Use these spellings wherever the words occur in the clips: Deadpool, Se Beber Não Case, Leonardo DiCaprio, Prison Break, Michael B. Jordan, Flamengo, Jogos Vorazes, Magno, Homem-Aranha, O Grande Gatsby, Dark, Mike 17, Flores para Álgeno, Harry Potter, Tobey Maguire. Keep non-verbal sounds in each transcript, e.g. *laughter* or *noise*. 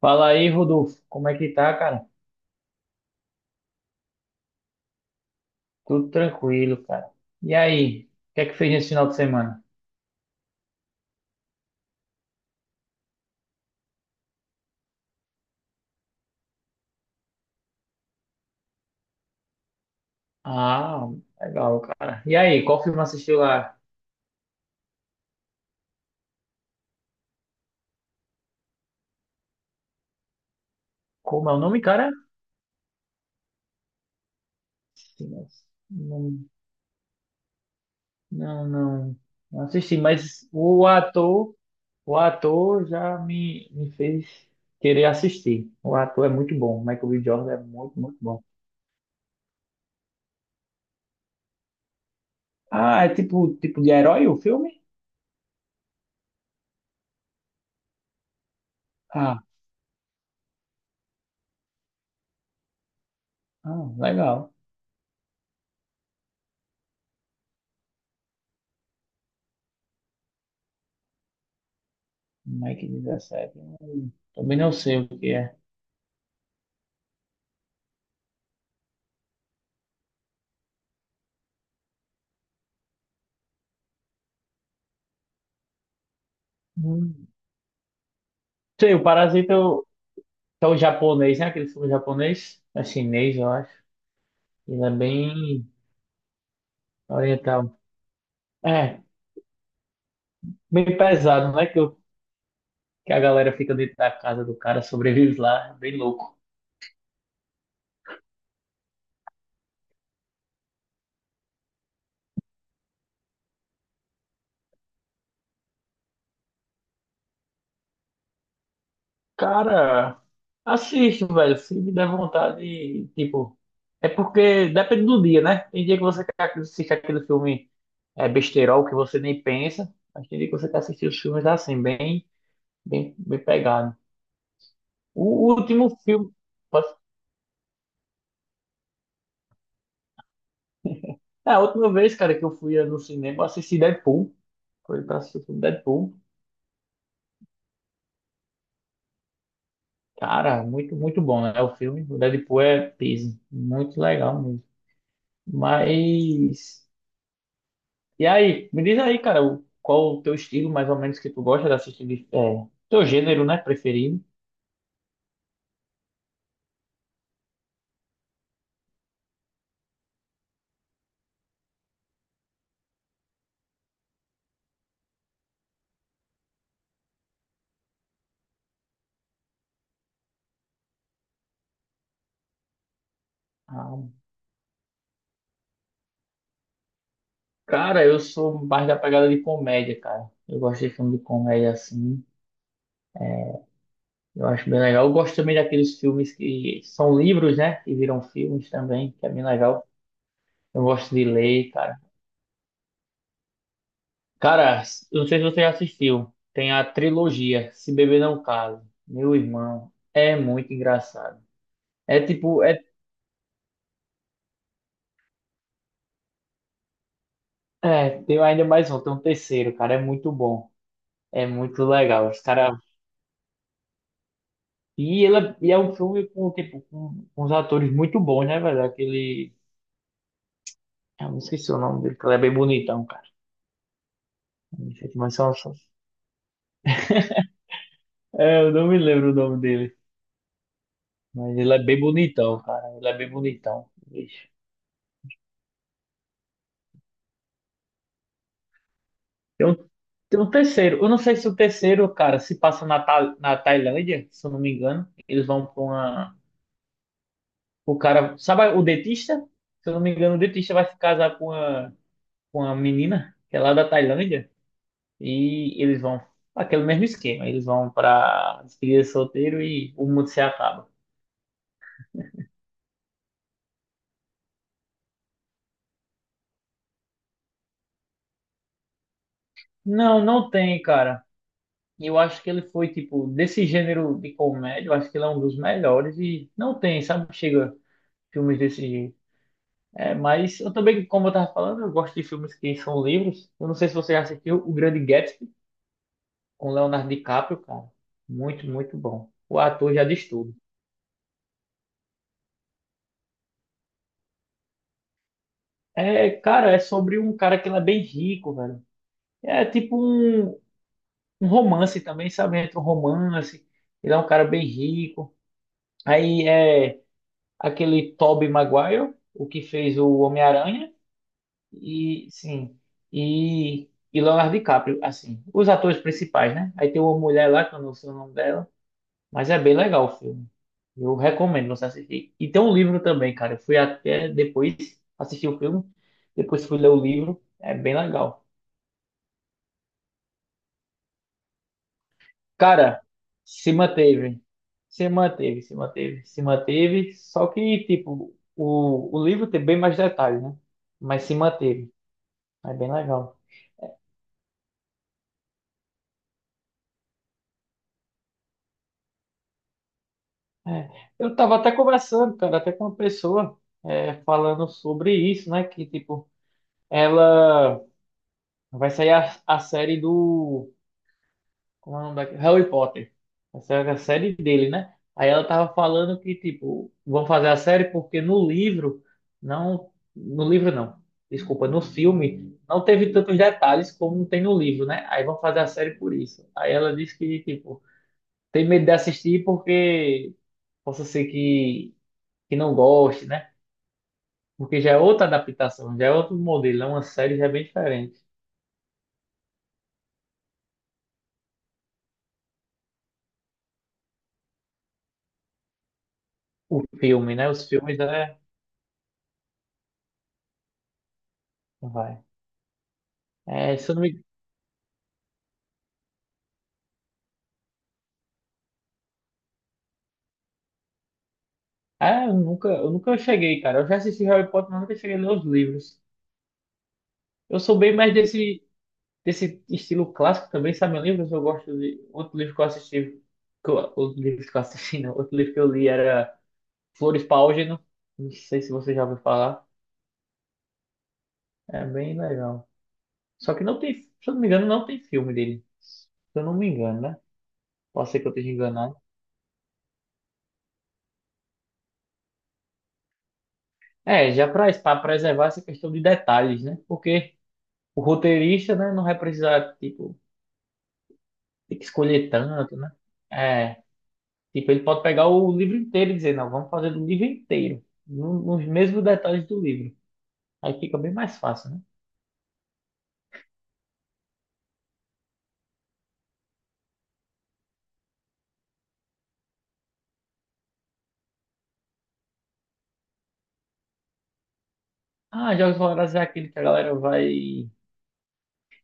Fala aí, Rodolfo. Como é que tá, cara? Tudo tranquilo, cara. E aí, o que é que fez nesse final de semana? Ah, legal, cara. E aí, qual filme assistiu lá? Como é o nome, cara? Sim, mas. Não, não, não, não assisti, mas o ator já me fez querer assistir. O ator é muito bom. O Michael B. Jordan é muito, muito bom. Ah, é tipo, tipo de herói o filme? Ah, ah, legal. Mike 17. Também não sei o que é. Hum. Sei, o Parasita é o, é o japonês, né? Aquele filme japonês. É chinês, eu acho. Ele é bem oriental. É, bem pesado, não é que, que a galera fica dentro da casa do cara, sobrevive lá. É bem louco. Cara, assisto, velho. Se me der vontade, tipo. É porque depende do dia, né? Tem dia que você quer assistir aquele filme é, besterol que você nem pensa. Mas tem dia que você quer assistir os filmes assim, bem pegado. O último filme. posso- É, a última vez, cara, que eu fui no cinema, eu assisti Deadpool. Foi pra assistir o filme Deadpool. Cara, muito, muito bom, né? O filme. O Deadpool é peso. Muito legal mesmo. Mas. E aí? Me diz aí, cara, qual o teu estilo, mais ou menos, que tu gosta de assistir? Teu gênero, né? Preferido. Ah, cara, eu sou mais da pegada de comédia, cara. Eu gosto de filme de comédia assim. Eu acho bem legal. Eu gosto também daqueles filmes que são livros, né? Que viram filmes também, que é bem legal. Eu gosto de ler, cara. Cara, eu não sei se você já assistiu. Tem a trilogia Se Beber Não Case. Meu irmão, é muito engraçado. É tipo, tem ainda mais um, tem um terceiro, cara. É muito bom. É muito legal. Os cara. E, é um filme com, tipo, com uns atores muito bons, né, velho? Aquele. Eu não esqueci o nome dele, que ele é bem bonitão, cara. Não sei. Eu não me lembro o nome dele, mas ele é bem bonitão, cara. Ele é bem bonitão. Vixe. Tem um, tem um terceiro. Eu não sei se o terceiro, cara, se passa na Tailândia, se eu não me engano. Eles vão com uma. O cara. Sabe o dentista? Se eu não me engano, o dentista vai se casar com uma menina, que é lá da Tailândia. E eles vão. Aquele mesmo esquema. Eles vão pra despedida de solteiro e o mundo se acaba. Não, não tem, cara. E eu acho que ele foi, tipo, desse gênero de comédia, eu acho que ele é um dos melhores e não tem, sabe? Chega filmes desse jeito. É, mas eu também, como eu tava falando, eu gosto de filmes que são livros. Eu não sei se você já assistiu O Grande Gatsby com Leonardo DiCaprio, cara. Muito, muito bom. O ator já diz tudo. É, cara, é sobre um cara que ele é bem rico, velho. É tipo um, um romance também, sabe? Entre um romance. Ele é um cara bem rico. Aí é aquele Tobey Maguire, o que fez o Homem-Aranha, e sim, e, e Leonardo DiCaprio, assim, os atores principais, né? Aí tem uma mulher lá, que eu não sei o nome dela, mas é bem legal o filme. Eu recomendo você assistir. E tem um livro também, cara. Eu fui até depois assistir o filme, depois fui ler o livro. É bem legal. Cara, se manteve. Se manteve, se manteve, se manteve. Só que, tipo, o livro tem bem mais detalhes, né? Mas se manteve. É bem legal. É, eu tava até conversando, cara, até com uma pessoa falando sobre isso, né? Que, tipo, ela vai sair a série do. Como é o nome daquele? Harry Potter. Vai sair a série dele, né? Aí ela tava falando que, tipo, vão fazer a série porque no livro não. No livro não. Desculpa, no filme não teve tantos detalhes como tem no livro, né? Aí vão fazer a série por isso. Aí ela disse que, tipo, tem medo de assistir porque. Possa ser que não goste, né? Porque já é outra adaptação, já é outro modelo, é uma série já é bem diferente. O filme, né? Os filmes, né? Vai. É, se eu não me. Ah, eu nunca cheguei, cara. Eu já assisti Harry Potter, mas nunca cheguei a ler os livros. Eu sou bem mais desse estilo clássico também, sabe? Livros eu gosto de. Outro livro que eu assisti. Que eu. Outro livro que eu assisti, não. Outro livro que eu li era Flores para Álgeno. Não sei se você já ouviu falar. É bem legal. Só que não tem. Se eu não me engano, não tem filme dele. Se eu não me engano, né? Pode ser que eu esteja enganado. É, já para preservar essa questão de detalhes, né? Porque o roteirista, né, não vai precisar, tipo, ter que escolher tanto, né? É, tipo, ele pode pegar o livro inteiro e dizer, não, vamos fazer do livro inteiro, nos mesmos detalhes do livro. Aí fica bem mais fácil, né? Ah, Jogos Vorazes é aquele que a galera vai.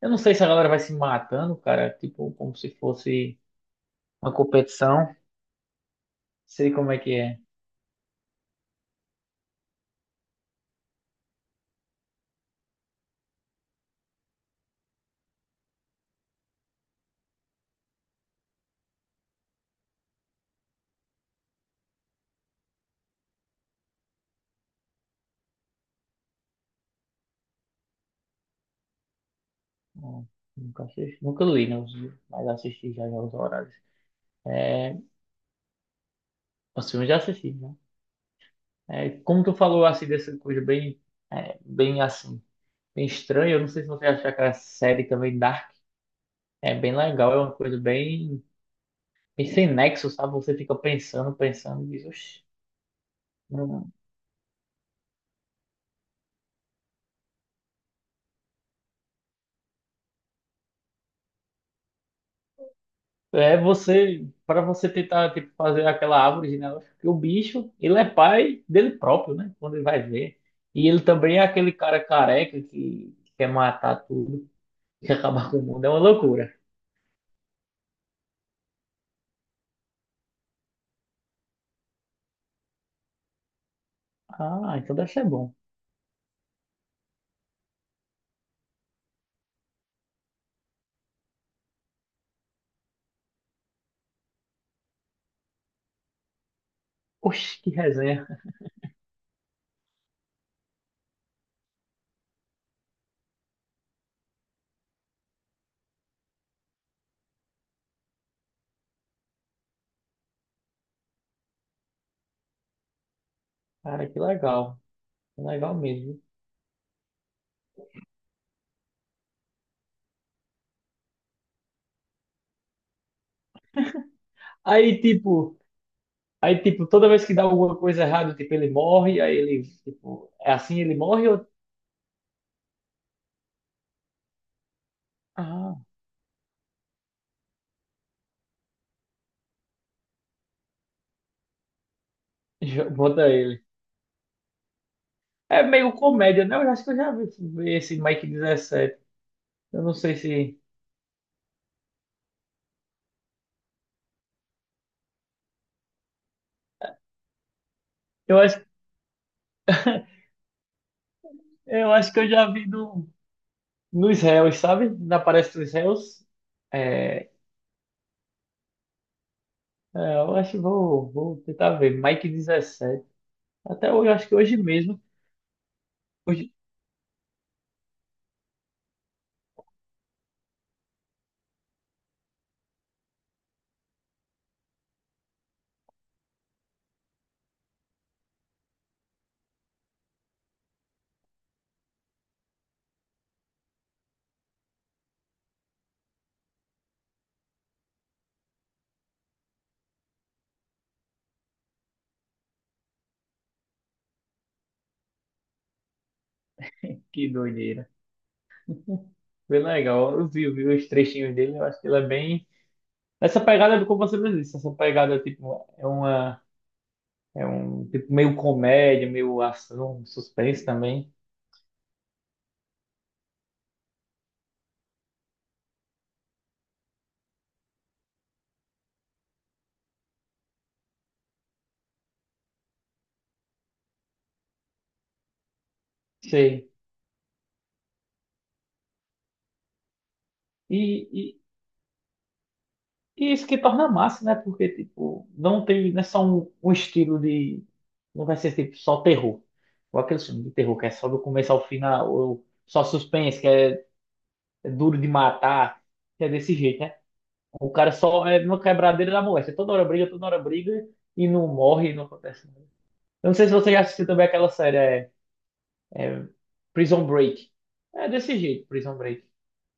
Eu não sei se a galera vai se matando, cara, tipo, como se fosse uma competição. Sei como é que é. Não, nunca assisti, nunca li, né? os Mas assisti já Jogos Vorazes. É, os filmes já assisti, né? É, como tu falou assim dessa coisa bem, bem assim, bem estranha, eu não sei se você achar aquela série também Dark. É bem legal, é uma coisa bem, bem sem nexo, sabe? Você fica pensando, pensando e diz, "Oxe, não." É você, para você tentar tipo, fazer aquela árvore genealógica, porque o bicho, ele é pai dele próprio, né? Quando ele vai ver. E ele também é aquele cara careca que quer matar tudo, que acabar com o mundo. É uma loucura. Ah, então deve ser bom. Oxe, que resenha. Cara, que legal. Que legal mesmo. Aí, tipo, aí, tipo, toda vez que dá alguma coisa errada, tipo, ele morre, aí ele, tipo, é assim ele morre ou. Ah, *laughs* bota ele. É meio comédia, né? Eu acho que eu já vi esse Mike 17. Eu não sei se. Eu acho, eu acho que eu já vi no, nos réus, sabe? Na palestra dos réus. É, é, eu acho que vou tentar ver. Mike 17. Até hoje, acho que hoje mesmo. Hoje, que doideira. Bem legal. Eu vi, vi os trechinhos dele, eu acho que ele é bem. Essa pegada do como você mesmo disse, essa pegada tipo, é uma. É um tipo meio comédia, meio ação, suspense também. Sei. E, e, e isso que torna massa, né? Porque, tipo, não tem. Não é só um, estilo de. Não vai ser tipo só terror. Ou aquele filme de terror que é só do começo ao final, ou só suspense, que é duro de matar, que é desse jeito, né? O cara só é uma quebradeira da moléstia. Toda hora briga e não morre, não acontece nada. Eu não sei se você já assistiu também aquela série, é Prison Break. É desse jeito, Prison Break.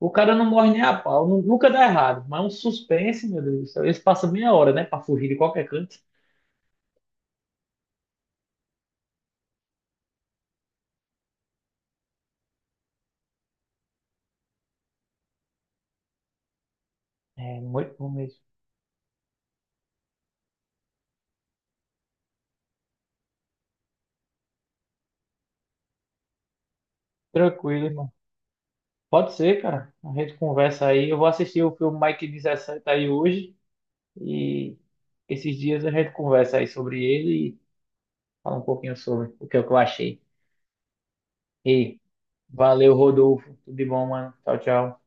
O cara não morre nem a pau, nunca dá errado, mas é um suspense, meu Deus do céu. Eles passam meia hora, né, pra fugir de qualquer canto. É muito bom mesmo. Tranquilo, irmão. Pode ser, cara. A gente conversa aí. Eu vou assistir o filme Mike 17 aí hoje e esses dias a gente conversa aí sobre ele e fala um pouquinho sobre o que eu achei. E Valeu, Rodolfo. Tudo de bom, mano. Tchau, tchau.